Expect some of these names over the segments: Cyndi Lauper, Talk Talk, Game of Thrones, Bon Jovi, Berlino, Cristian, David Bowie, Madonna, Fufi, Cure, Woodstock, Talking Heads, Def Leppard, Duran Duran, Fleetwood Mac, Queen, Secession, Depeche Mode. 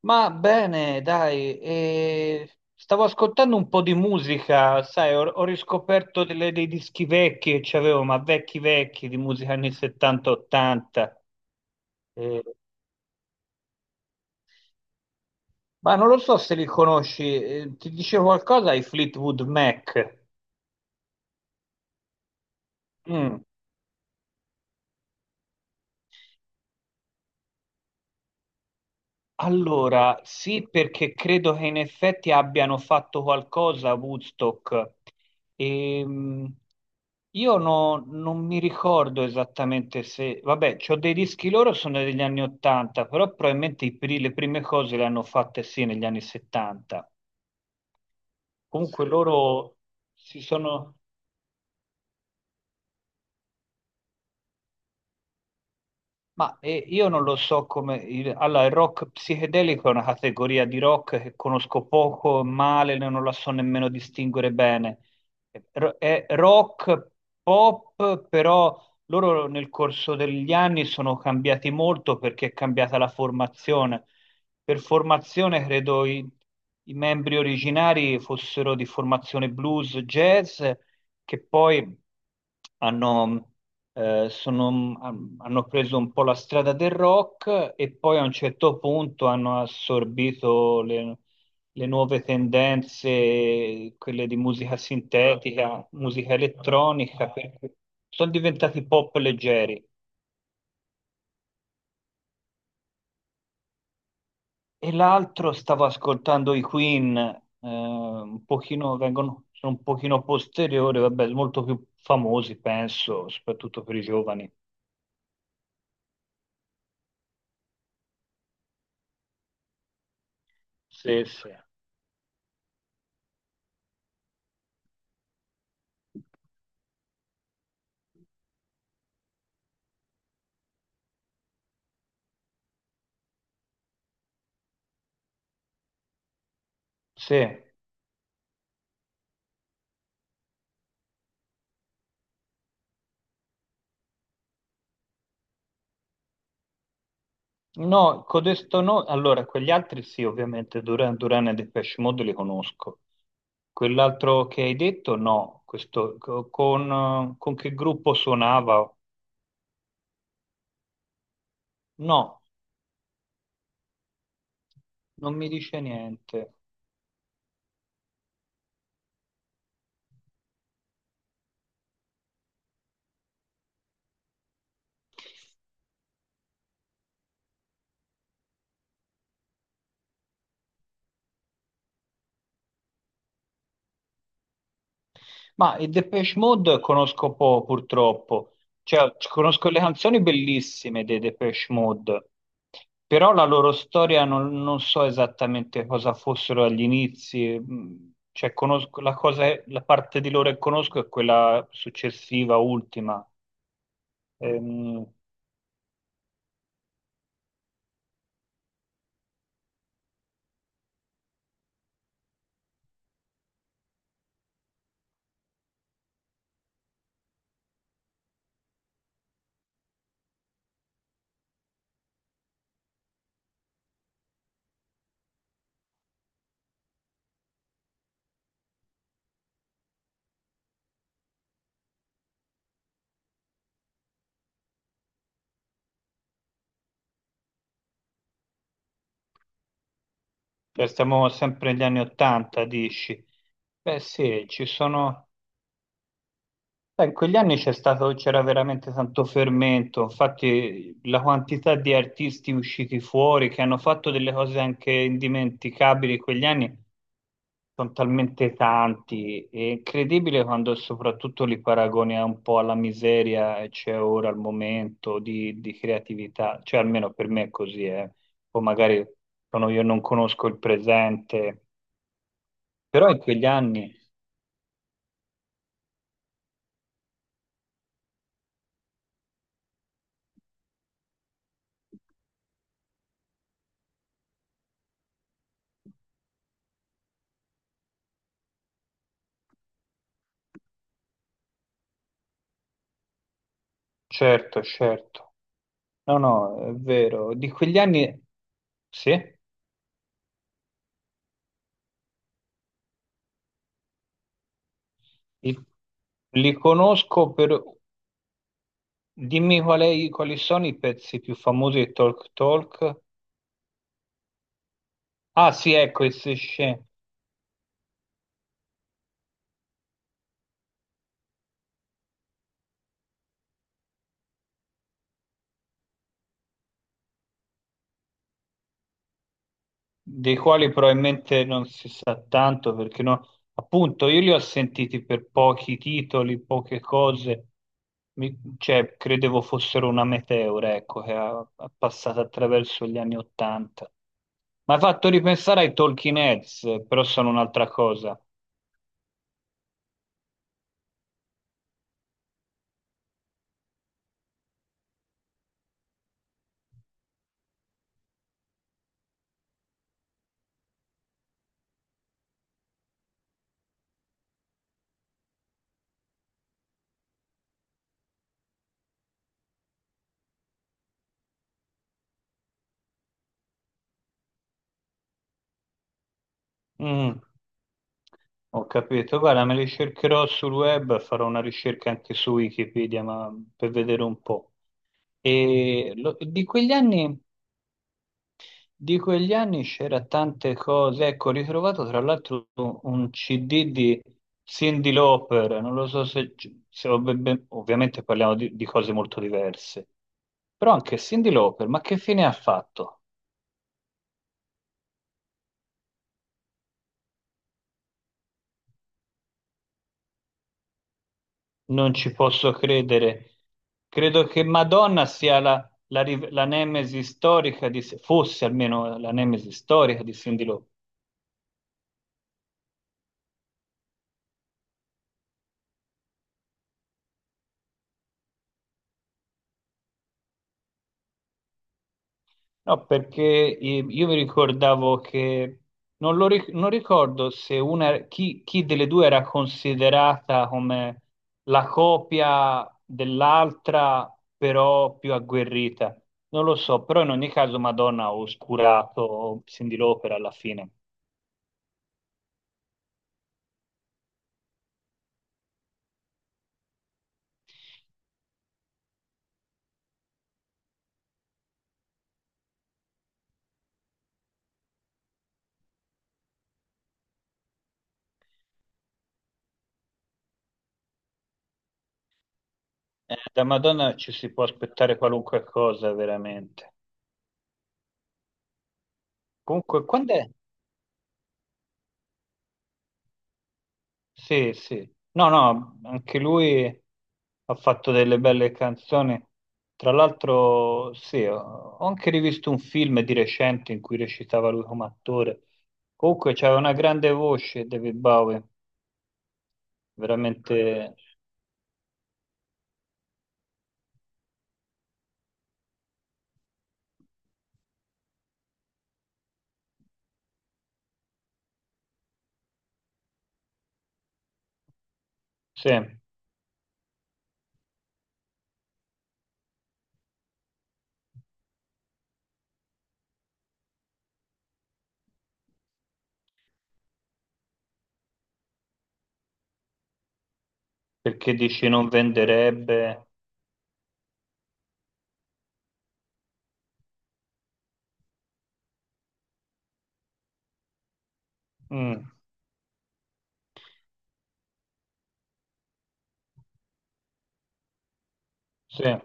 Ma bene, dai, stavo ascoltando un po' di musica, sai, ho riscoperto dei dischi vecchi che c'avevo, ma vecchi vecchi, di musica anni 70-80. eh, ma non lo so se li conosci, ti dice qualcosa ai Fleetwood Mac? Mm. Allora, sì, perché credo che in effetti abbiano fatto qualcosa a Woodstock. Ehm, io non mi ricordo esattamente se... Vabbè, c'ho dei dischi loro, sono degli anni 80, però probabilmente le prime cose le hanno fatte sì negli anni 70. Comunque sì. Loro si sono... Ma io non lo so come... Allora, il rock psichedelico è una categoria di rock che conosco poco, male, non la so nemmeno distinguere bene. È rock pop, però loro nel corso degli anni sono cambiati molto perché è cambiata la formazione. Per formazione credo i membri originari fossero di formazione blues, jazz che poi hanno, hanno preso un po' la strada del rock e poi a un certo punto hanno assorbito le nuove tendenze, quelle di musica sintetica, musica elettronica, per cui sono diventati pop leggeri. E l'altro stavo ascoltando i Queen, un pochino, vengono, sono un pochino posteriori, vabbè, molto più famosi, penso, soprattutto per i giovani. Sì, sì. Sì, no, codesto no, allora quegli altri sì, ovviamente Duran Duran e Depeche Mode li conosco. Quell'altro che hai detto no, questo con che gruppo suonava? No, non mi dice niente. Ma i Depeche Mode conosco poco, purtroppo. Cioè, conosco le canzoni bellissime dei Depeche Mode, però la loro storia non so esattamente cosa fossero agli inizi. Mm. Cioè, conosco la parte di loro che conosco è quella successiva, ultima. Ehm, cioè, stiamo sempre negli anni Ottanta, dici? Beh, sì, ci sono. Beh, in quegli anni c'era veramente tanto fermento, infatti la quantità di artisti usciti fuori che hanno fatto delle cose anche indimenticabili in quegli anni sono talmente tanti, è incredibile quando soprattutto li paragoni a un po' alla miseria che c'è ora al momento di creatività, cioè almeno per me è così, eh. O magari sono io non conosco il presente, però in quegli anni, certo, certo. No, no, è vero. Di quegli anni, sì, li, li conosco per... Dimmi quali sono i pezzi più famosi di Talk Talk. Ah, sì, ecco, il Secession. Dei quali probabilmente non si sa tanto perché no, appunto io li ho sentiti per pochi titoli, poche cose. Cioè credevo fossero una meteora, ecco, che è passata attraverso gli anni Ottanta. Mi ha fatto ripensare ai Talking Heads, però sono un'altra cosa. Mm, ho capito, guarda, me li cercherò sul web, farò una ricerca anche su Wikipedia, ma per vedere un po'. Di quegli anni. Di quegli anni c'era tante cose, ecco, ho ritrovato tra l'altro un CD di Cyndi Lauper, non lo so se, se ho ben- ovviamente parliamo di cose molto diverse, però anche Cyndi Lauper, ma che fine ha fatto? Non ci posso credere. Credo che Madonna sia la nemesi storica di, fosse almeno la nemesi storica di Cyndi Lauper. No, perché io mi ricordavo che non ricordo se una, chi, chi delle due era considerata come la copia dell'altra, però più agguerrita. Non lo so, però in ogni caso Madonna ha oscurato Cyndi Lauper alla fine. Da Madonna ci si può aspettare qualunque cosa, veramente. Comunque, quando è? Sì, sì. No, no, anche lui ha fatto delle belle canzoni. Tra l'altro, sì, ho anche rivisto un film di recente in cui recitava lui come attore. Comunque c'aveva una grande voce David Bowie, veramente, sì, perché dici non venderebbe. Mm, sì, I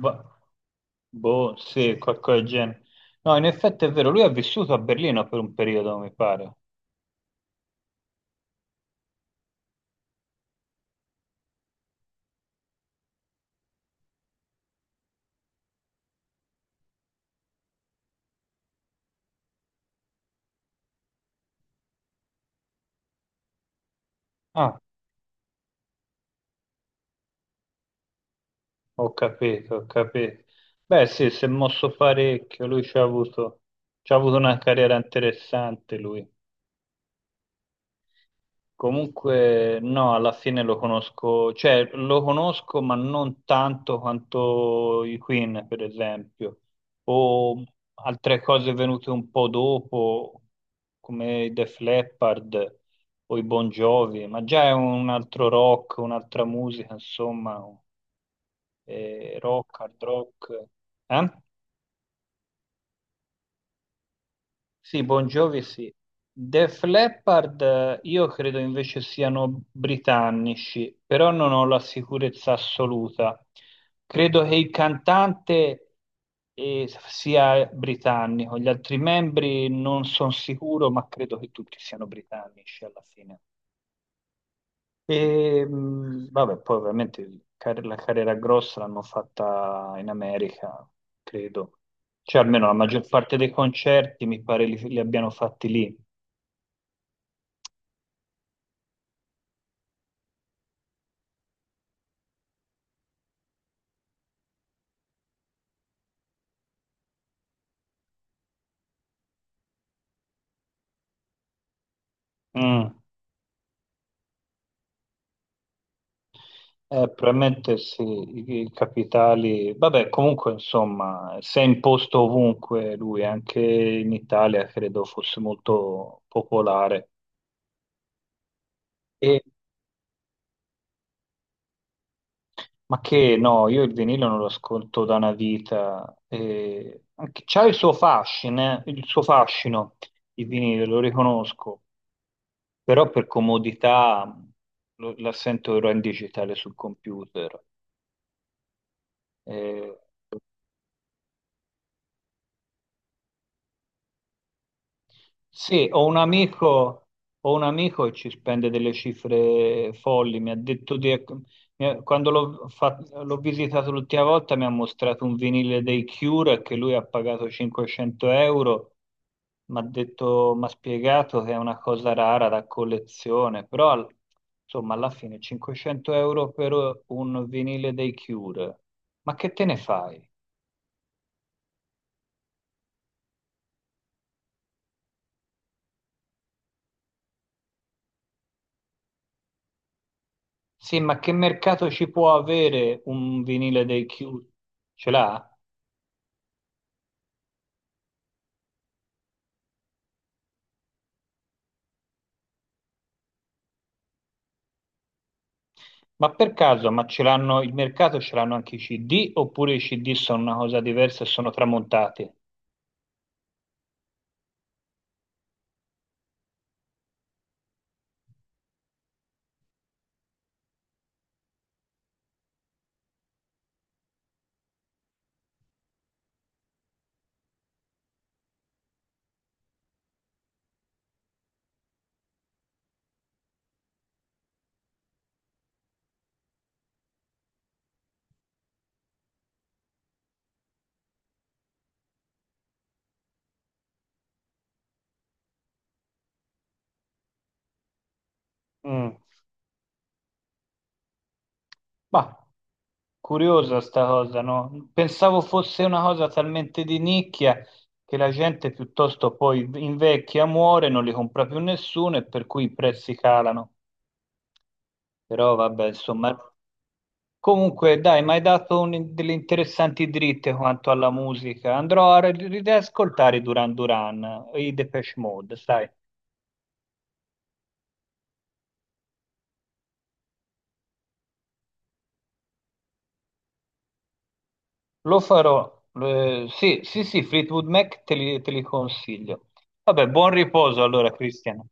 Ba- boh, sì, qualcosa del genere. No, in effetti è vero, lui ha vissuto a Berlino per un periodo, mi pare. Ah, ho capito, ho capito. Beh, sì, si è mosso parecchio, lui ci ha avuto una carriera interessante, lui. Comunque, no, alla fine lo conosco, cioè lo conosco, ma non tanto quanto i Queen, per esempio, o altre cose venute un po' dopo, come i Def Leppard o i Bon Jovi, ma già è un altro rock, un'altra musica, insomma, rock, hard rock. Eh? Sì, Bon Jovi sì. Def Leppard io credo invece siano britannici, però non ho la sicurezza assoluta. Credo che il cantante sia britannico, gli altri membri non sono sicuro, ma credo che tutti siano britannici alla fine. Vabbè, poi ovviamente la carriera grossa l'hanno fatta in America, credo. Cioè, almeno la maggior parte dei concerti mi pare li abbiano fatti lì. Mm, premettersi i capitali, vabbè, comunque insomma, si è imposto ovunque lui, anche in Italia credo fosse molto popolare. E- ma che no, io il vinile non lo ascolto da una vita, c'ha il suo fascino, il vinile, lo riconosco, però per comodità la sento ora in digitale sul computer. Sì, ho un amico che ci spende delle cifre folli. Mi ha detto di, ecco, mi ha- quando l'ho fa- l'ho visitato l'ultima volta mi ha mostrato un vinile dei Cure che lui ha pagato 500 euro. Mi ha detto, mi ha spiegato che è una cosa rara da collezione, però al- insomma alla fine 500 euro per un vinile dei Cure. Ma che te ne fai? Sì, ma che mercato ci può avere un vinile dei Cure? Ce l'ha? Ma per caso, ma ce l'hanno, il mercato ce l'hanno anche i CD oppure i CD sono una cosa diversa e sono tramontati? Mm. Ma curiosa sta cosa, no? Pensavo fosse una cosa talmente di nicchia che la gente piuttosto poi invecchia, muore, non li compra più nessuno e per cui i prezzi calano. Però vabbè, insomma. Comunque, dai, mi hai dato delle interessanti dritte quanto alla musica. Andrò a riascoltare i Duran Duran, i Depeche Mode, sai. Lo farò. Sì, sì, sì, Fleetwood Mac te li consiglio. Vabbè, buon riposo allora, Cristian.